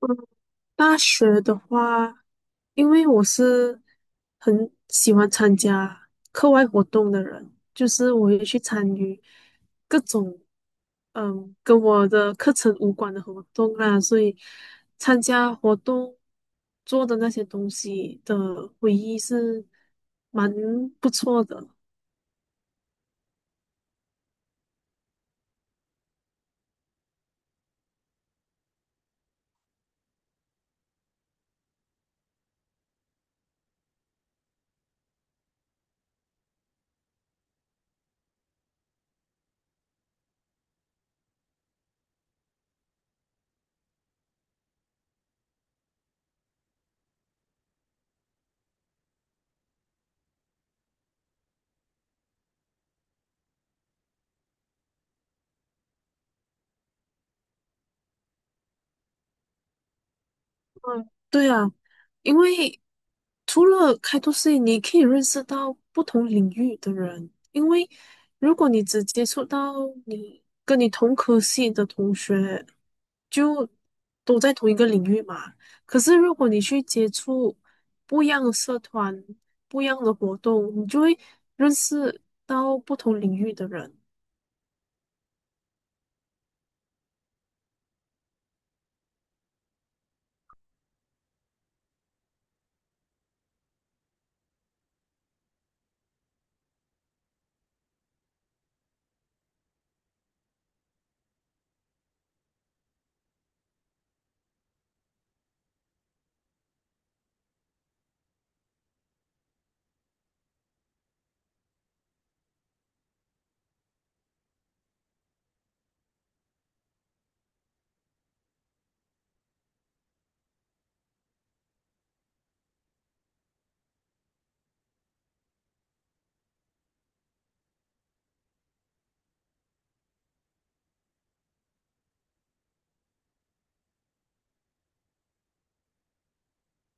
嗯，大学的话，因为我是很喜欢参加课外活动的人，就是我会去参与各种跟我的课程无关的活动啦，所以参加活动做的那些东西的回忆是蛮不错的。嗯，对啊，因为除了开拓视野，你可以认识到不同领域的人。因为如果你只接触到你跟你同科系的同学，就都在同一个领域嘛。可是如果你去接触不一样的社团、不一样的活动，你就会认识到不同领域的人。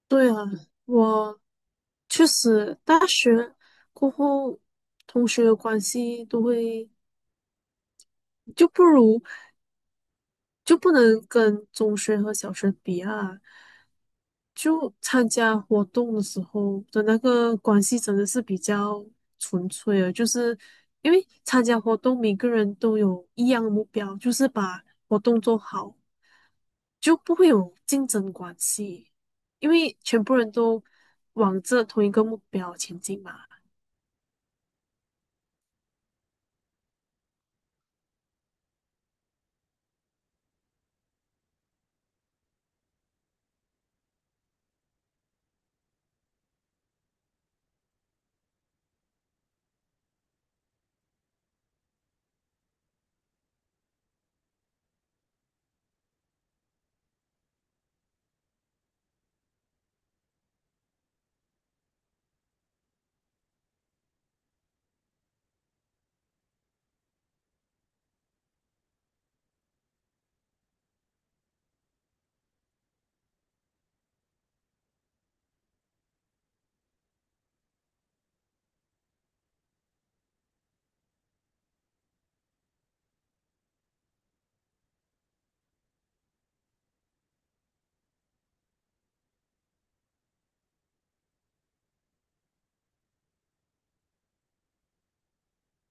对啊，我确实大学过后，同学的关系都会就不如就不能跟中学和小学比啊。就参加活动的时候的那个关系真的是比较纯粹的，就是因为参加活动每个人都有一样的目标，就是把活动做好，就不会有竞争关系，因为全部人都往这同一个目标前进嘛。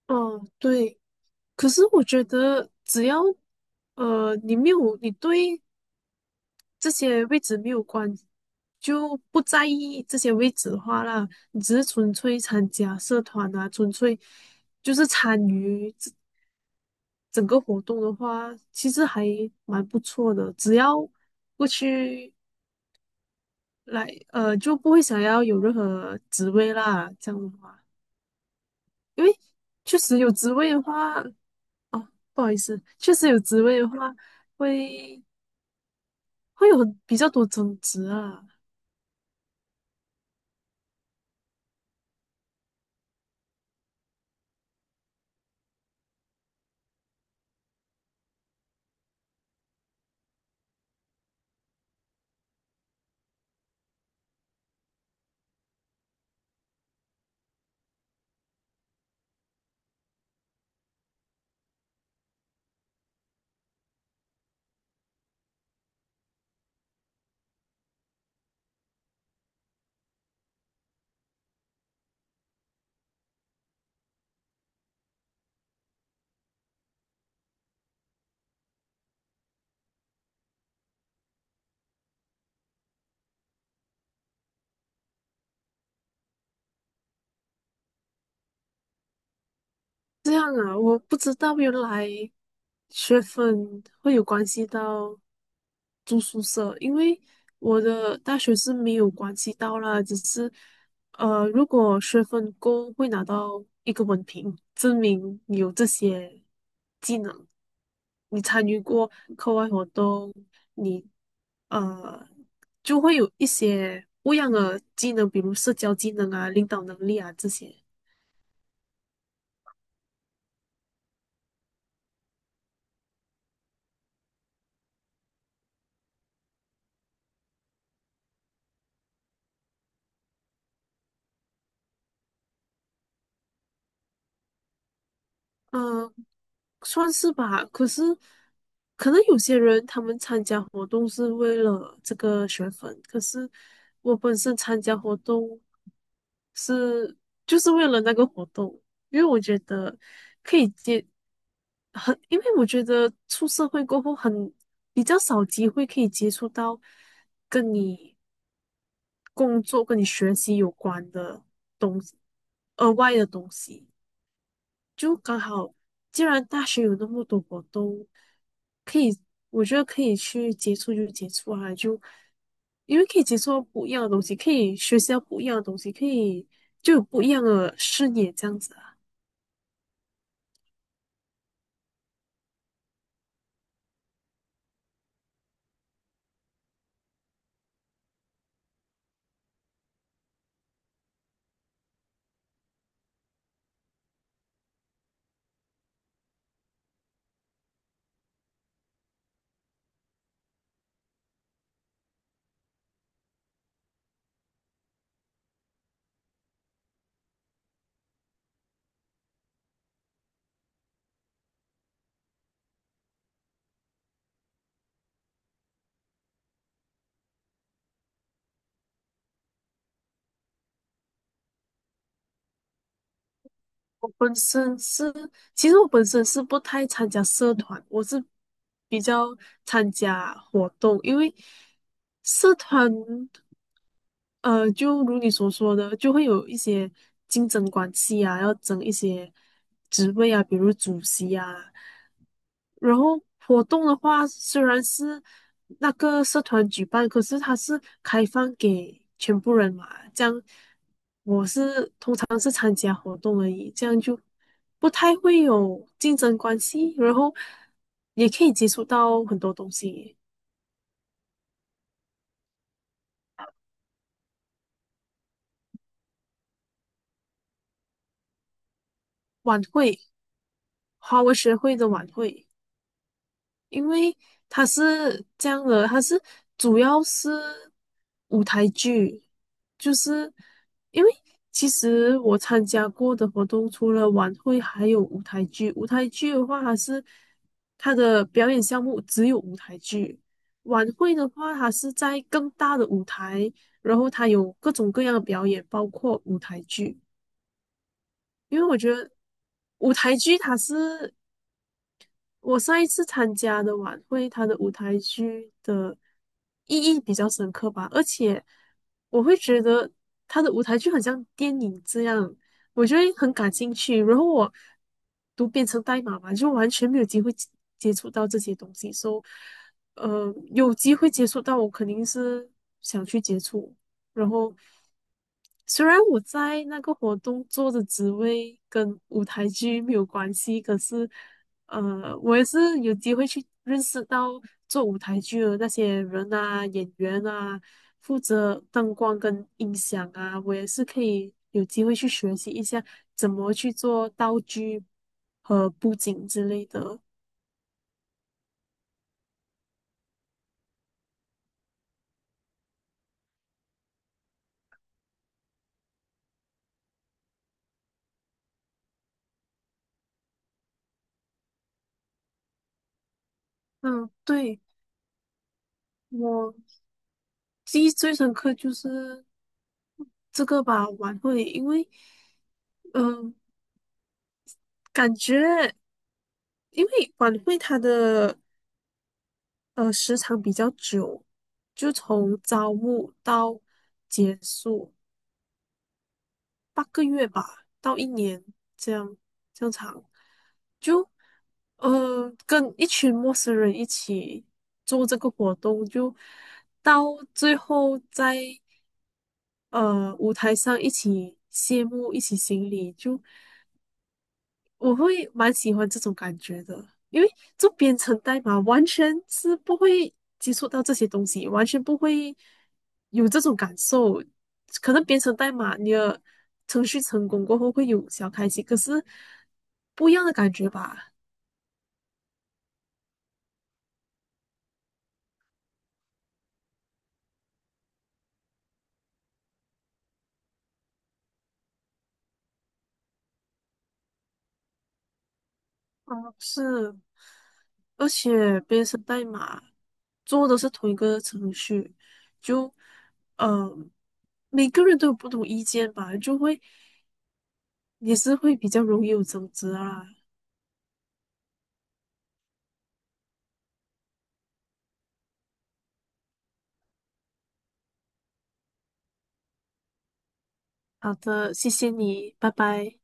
哦，对。可是我觉得，只要你没有你对这些位置没有关，就不在意这些位置的话啦，你只是纯粹参加社团啊，纯粹就是参与这整个活动的话，其实还蛮不错的。只要过去来，就不会想要有任何职位啦，这样的话，因为确实有职位的话，哦，不好意思，确实有职位的话，会会有很比较多争执啊。这样啊，我不知道原来学分会有关系到住宿舍，因为我的大学是没有关系到啦，只是如果学分够，会拿到一个文凭，证明你有这些技能，你参与过课外活动，你呃就会有一些不一样的技能，比如社交技能啊、领导能力啊这些。嗯，算是吧。可是，可能有些人他们参加活动是为了这个学分，可是我本身参加活动是就是为了那个活动，因为我觉得可以接很，因为我觉得出社会过后很比较少机会可以接触到跟你工作、跟你学习有关的东西，额外的东西。就刚好，既然大学有那么多活动，可以，我觉得可以去接触就接触啊，就因为可以接触到不一样的东西，可以学习到不一样的东西，可以就有不一样的视野这样子啊。我本身是，其实我本身是不太参加社团，我是比较参加活动，因为社团。就如你所说的，就会有一些竞争关系啊，要争一些职位啊，比如主席啊。然后活动的话，虽然是那个社团举办，可是它是开放给全部人嘛，这样当是参加活动而已，这样就不太会有竞争关系，然后也可以接触到很多东西。晚会，华文学会的晚会。因为它是这样的，它是主要是舞台剧，就是因为其实我参加过的活动，除了晚会，还有舞台剧。舞台剧的话，它是它的表演项目只有舞台剧；晚会的话，它是在更大的舞台，然后它有各种各样的表演，包括舞台剧。因为我觉得舞台剧它是我上一次参加的晚会，它的舞台剧的意义比较深刻吧，而且我会觉得它的舞台剧很像电影这样，我就得很感兴趣。然后我都编成代码嘛，就完全没有机会接触到这些东西，所以有机会接触到，我肯定是想去接触。然后虽然我在那个活动做的职位跟舞台剧没有关系，可是。呃，我也是有机会去认识到做舞台剧的那些人啊、演员啊，负责灯光跟音响啊，我也是可以有机会去学习一下怎么去做道具和布景之类的。嗯，对，我记忆最深刻就是这个吧，晚会，因为嗯、呃感觉因为晚会它的时长比较久，就从招募到结束8个月吧，到一年这样这样长，就跟一群陌生人一起做这个活动，就到最后在舞台上一起谢幕，一起行礼，就。我会蛮喜欢这种感觉的，因为做编程代码完全是不会接触到这些东西，完全不会有这种感受。可能编程代码你的程序成功过后会有小开心，可是不一样的感觉吧？嗯是，而且编程代码做的是同一个程序，就呃，每个人都有不同意见吧，就会也是会比较容易有争执啊。好的，谢谢你，拜拜。